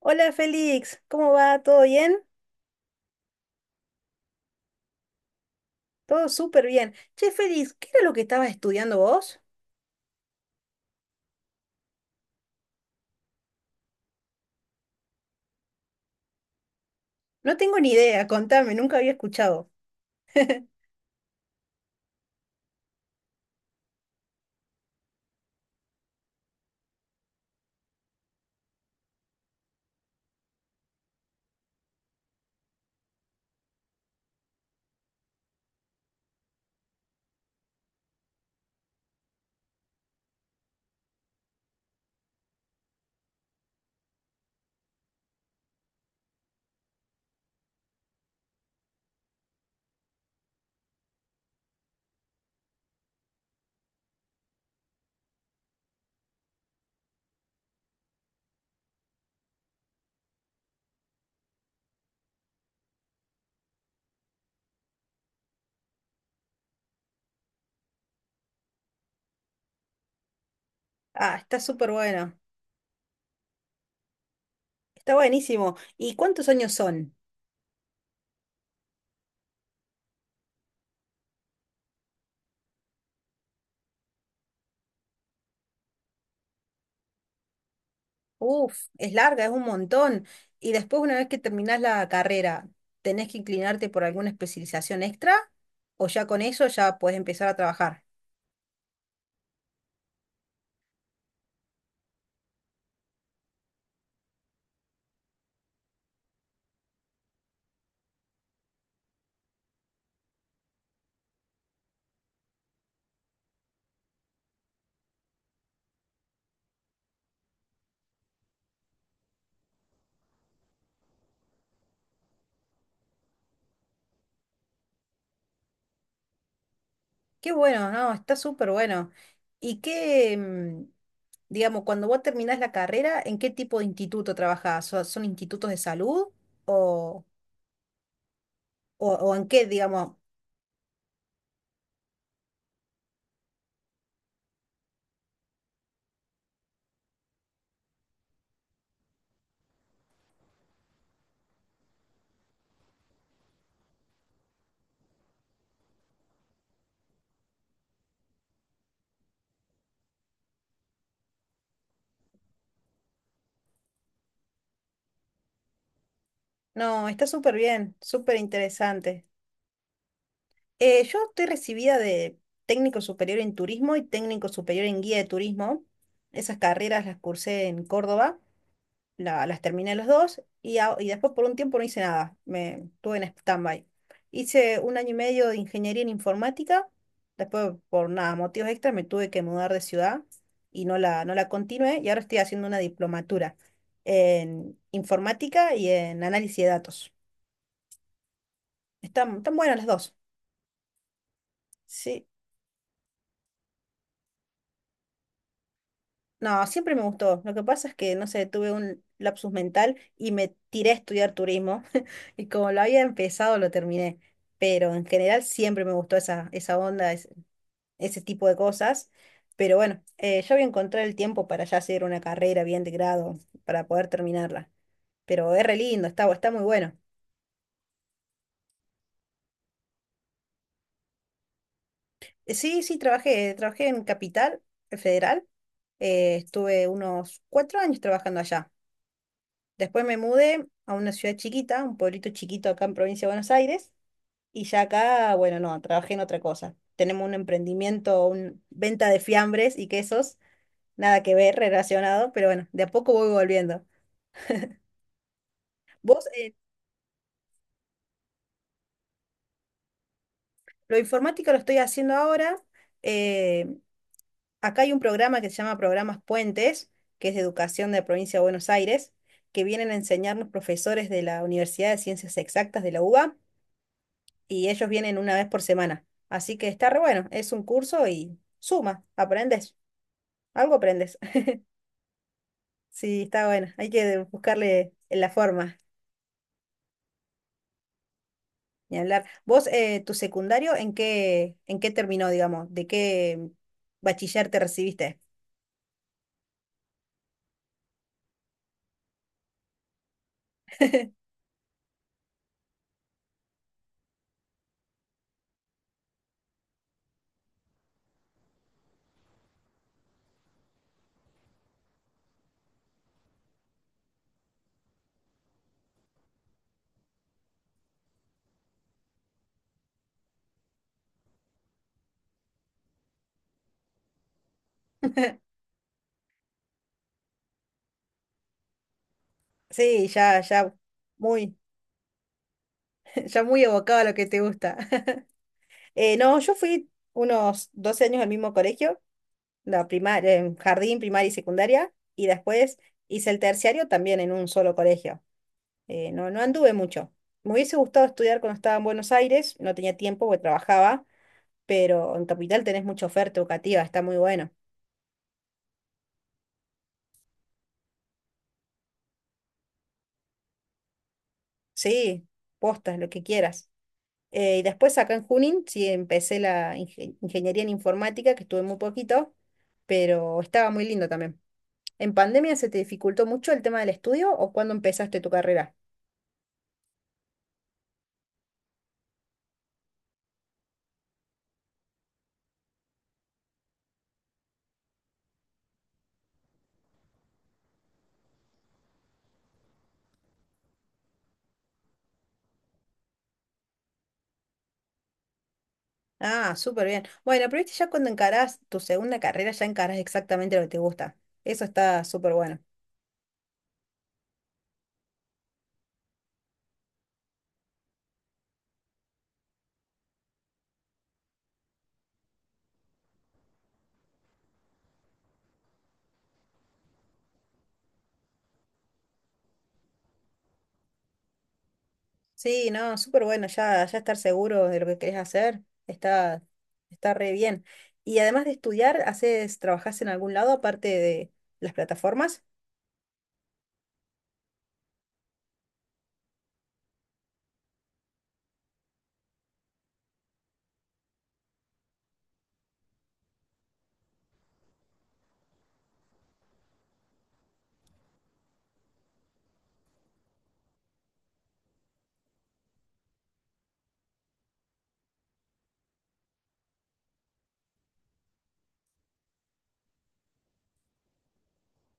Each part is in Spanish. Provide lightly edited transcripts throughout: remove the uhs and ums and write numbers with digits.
Hola, Félix, ¿cómo va? ¿Todo bien? Todo súper bien. Che, Félix, ¿qué era lo que estabas estudiando vos? No tengo ni idea, contame, nunca había escuchado. Ah, está súper bueno, está buenísimo. ¿Y cuántos años son? Uf, es larga, es un montón. Y después, una vez que terminás la carrera, ¿tenés que inclinarte por alguna especialización extra? ¿O ya con eso ya podés empezar a trabajar? Qué bueno, no, está súper bueno. ¿Y qué, digamos, cuando vos terminás la carrera, ¿en qué tipo de instituto trabajás? Son institutos de salud o, o en qué, digamos? No, está súper bien, súper interesante. Yo estoy recibida de técnico superior en turismo y técnico superior en guía de turismo. Esas carreras las cursé en Córdoba. Las terminé los dos y, y después por un tiempo no hice nada, me tuve en stand-by. Hice un año y medio de ingeniería en informática, después por nada, motivos extras me tuve que mudar de ciudad y no la continué, y ahora estoy haciendo una diplomatura en informática y en análisis de datos. Están, están buenas las dos. Sí. No, siempre me gustó. Lo que pasa es que, no sé, tuve un lapsus mental y me tiré a estudiar turismo. Y como lo había empezado, lo terminé. Pero en general siempre me gustó esa, esa onda, ese tipo de cosas. Pero bueno, yo voy a encontrar el tiempo para ya hacer una carrera bien de grado, para poder terminarla. Pero es re lindo, está, está muy bueno. Sí, sí, trabajé, trabajé en Capital Federal. Estuve unos 4 años trabajando allá. Después me mudé a una ciudad chiquita, un pueblito chiquito acá en provincia de Buenos Aires, y ya acá, bueno, no, trabajé en otra cosa. Tenemos un emprendimiento, una venta de fiambres y quesos, nada que ver relacionado, pero bueno, de a poco voy volviendo. Vos, lo informático lo estoy haciendo ahora. eh, Acá hay un programa que se llama Programas Puentes, que es de educación de la provincia de Buenos Aires, que vienen a enseñarnos profesores de la Universidad de Ciencias Exactas de la UBA, y ellos vienen una vez por semana. Así que está re bueno, es un curso y suma, aprendes, algo aprendes. Sí, está bueno, hay que buscarle la forma y hablar. ¿Vos, tu secundario, en qué terminó, digamos? ¿De qué bachiller te recibiste? Sí, ya muy, ya muy evocado a lo que te gusta. No, yo fui unos 12 años al mismo colegio, la primaria, jardín, primaria y secundaria, y después hice el terciario también en un solo colegio. No, no anduve mucho. Me hubiese gustado estudiar cuando estaba en Buenos Aires, no tenía tiempo porque trabajaba, pero en Capital tenés mucha oferta educativa, está muy bueno. Sí, postas, lo que quieras. Y después acá en Junín, sí, empecé la ingeniería en informática, que estuve muy poquito, pero estaba muy lindo también. ¿En pandemia se te dificultó mucho el tema del estudio o cuando empezaste tu carrera? Ah, súper bien. Bueno, pero viste, ya cuando encarás tu segunda carrera, ya encarás exactamente lo que te gusta. Eso está súper bueno. Sí, no, súper bueno, ya estar seguro de lo que querés hacer, está, está re bien. Y además de estudiar, haces, ¿trabajás en algún lado aparte de las plataformas?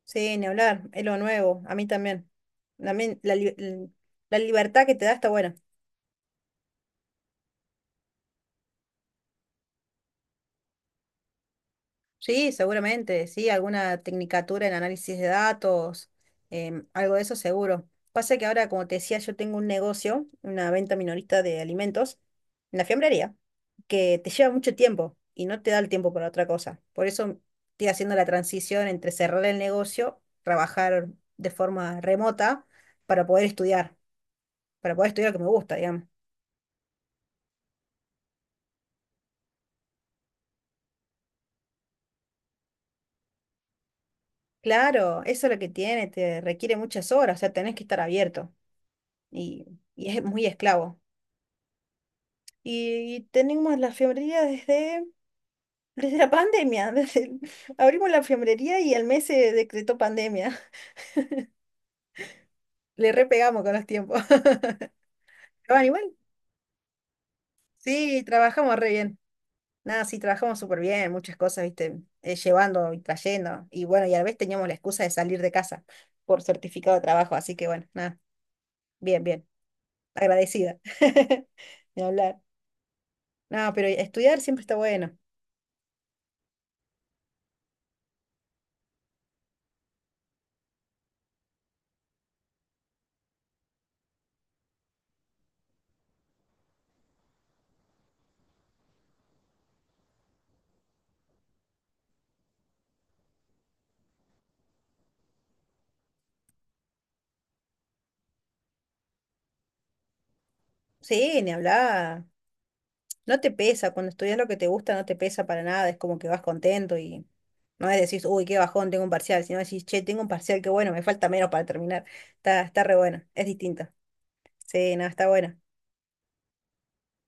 Sí, ni hablar, es lo nuevo, a mí también. También la libertad que te da está buena. Sí, seguramente, sí, alguna tecnicatura en análisis de datos, algo de eso seguro. Pasa que ahora, como te decía, yo tengo un negocio, una venta minorista de alimentos, en la fiambrería, que te lleva mucho tiempo y no te da el tiempo para otra cosa. Por eso estoy haciendo la transición entre cerrar el negocio, trabajar de forma remota para poder estudiar, para poder estudiar lo que me gusta, digamos. Claro, eso es lo que tiene, te requiere muchas horas, o sea, tenés que estar abierto y, y es muy esclavo. Y tenemos la fiambrería desde, desde la pandemia. Abrimos la fiambrería y al mes se decretó pandemia. Le repegamos con los tiempos. Pero bueno, igual, sí, trabajamos re bien. Nada, sí, trabajamos súper bien, muchas cosas, viste, llevando y trayendo. Y bueno, y a la vez teníamos la excusa de salir de casa por certificado de trabajo. Así que bueno, nada, bien, bien. Agradecida. Ni hablar. No, pero estudiar siempre está bueno. Sí, ni hablar. No te pesa, cuando estudias lo que te gusta no te pesa para nada, es como que vas contento y no es decir, uy, qué bajón, tengo un parcial, sino decís, che, tengo un parcial, qué bueno, me falta menos para terminar. Está, está re bueno, es distinto. Sí, no, está bueno.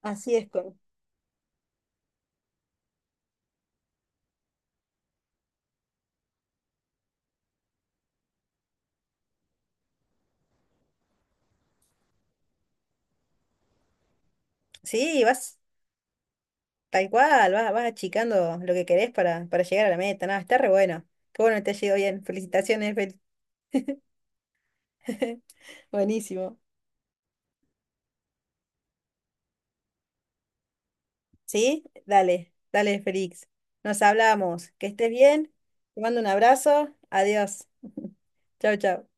Así es, Cori. Sí, vas tal cual, vas, vas achicando lo que querés para llegar a la meta, nada está re bueno. Qué bueno que te ha ido bien, felicitaciones, Félix. Buenísimo. Sí, dale, dale, Félix. Nos hablamos, que estés bien, te mando un abrazo, adiós, chau, chau.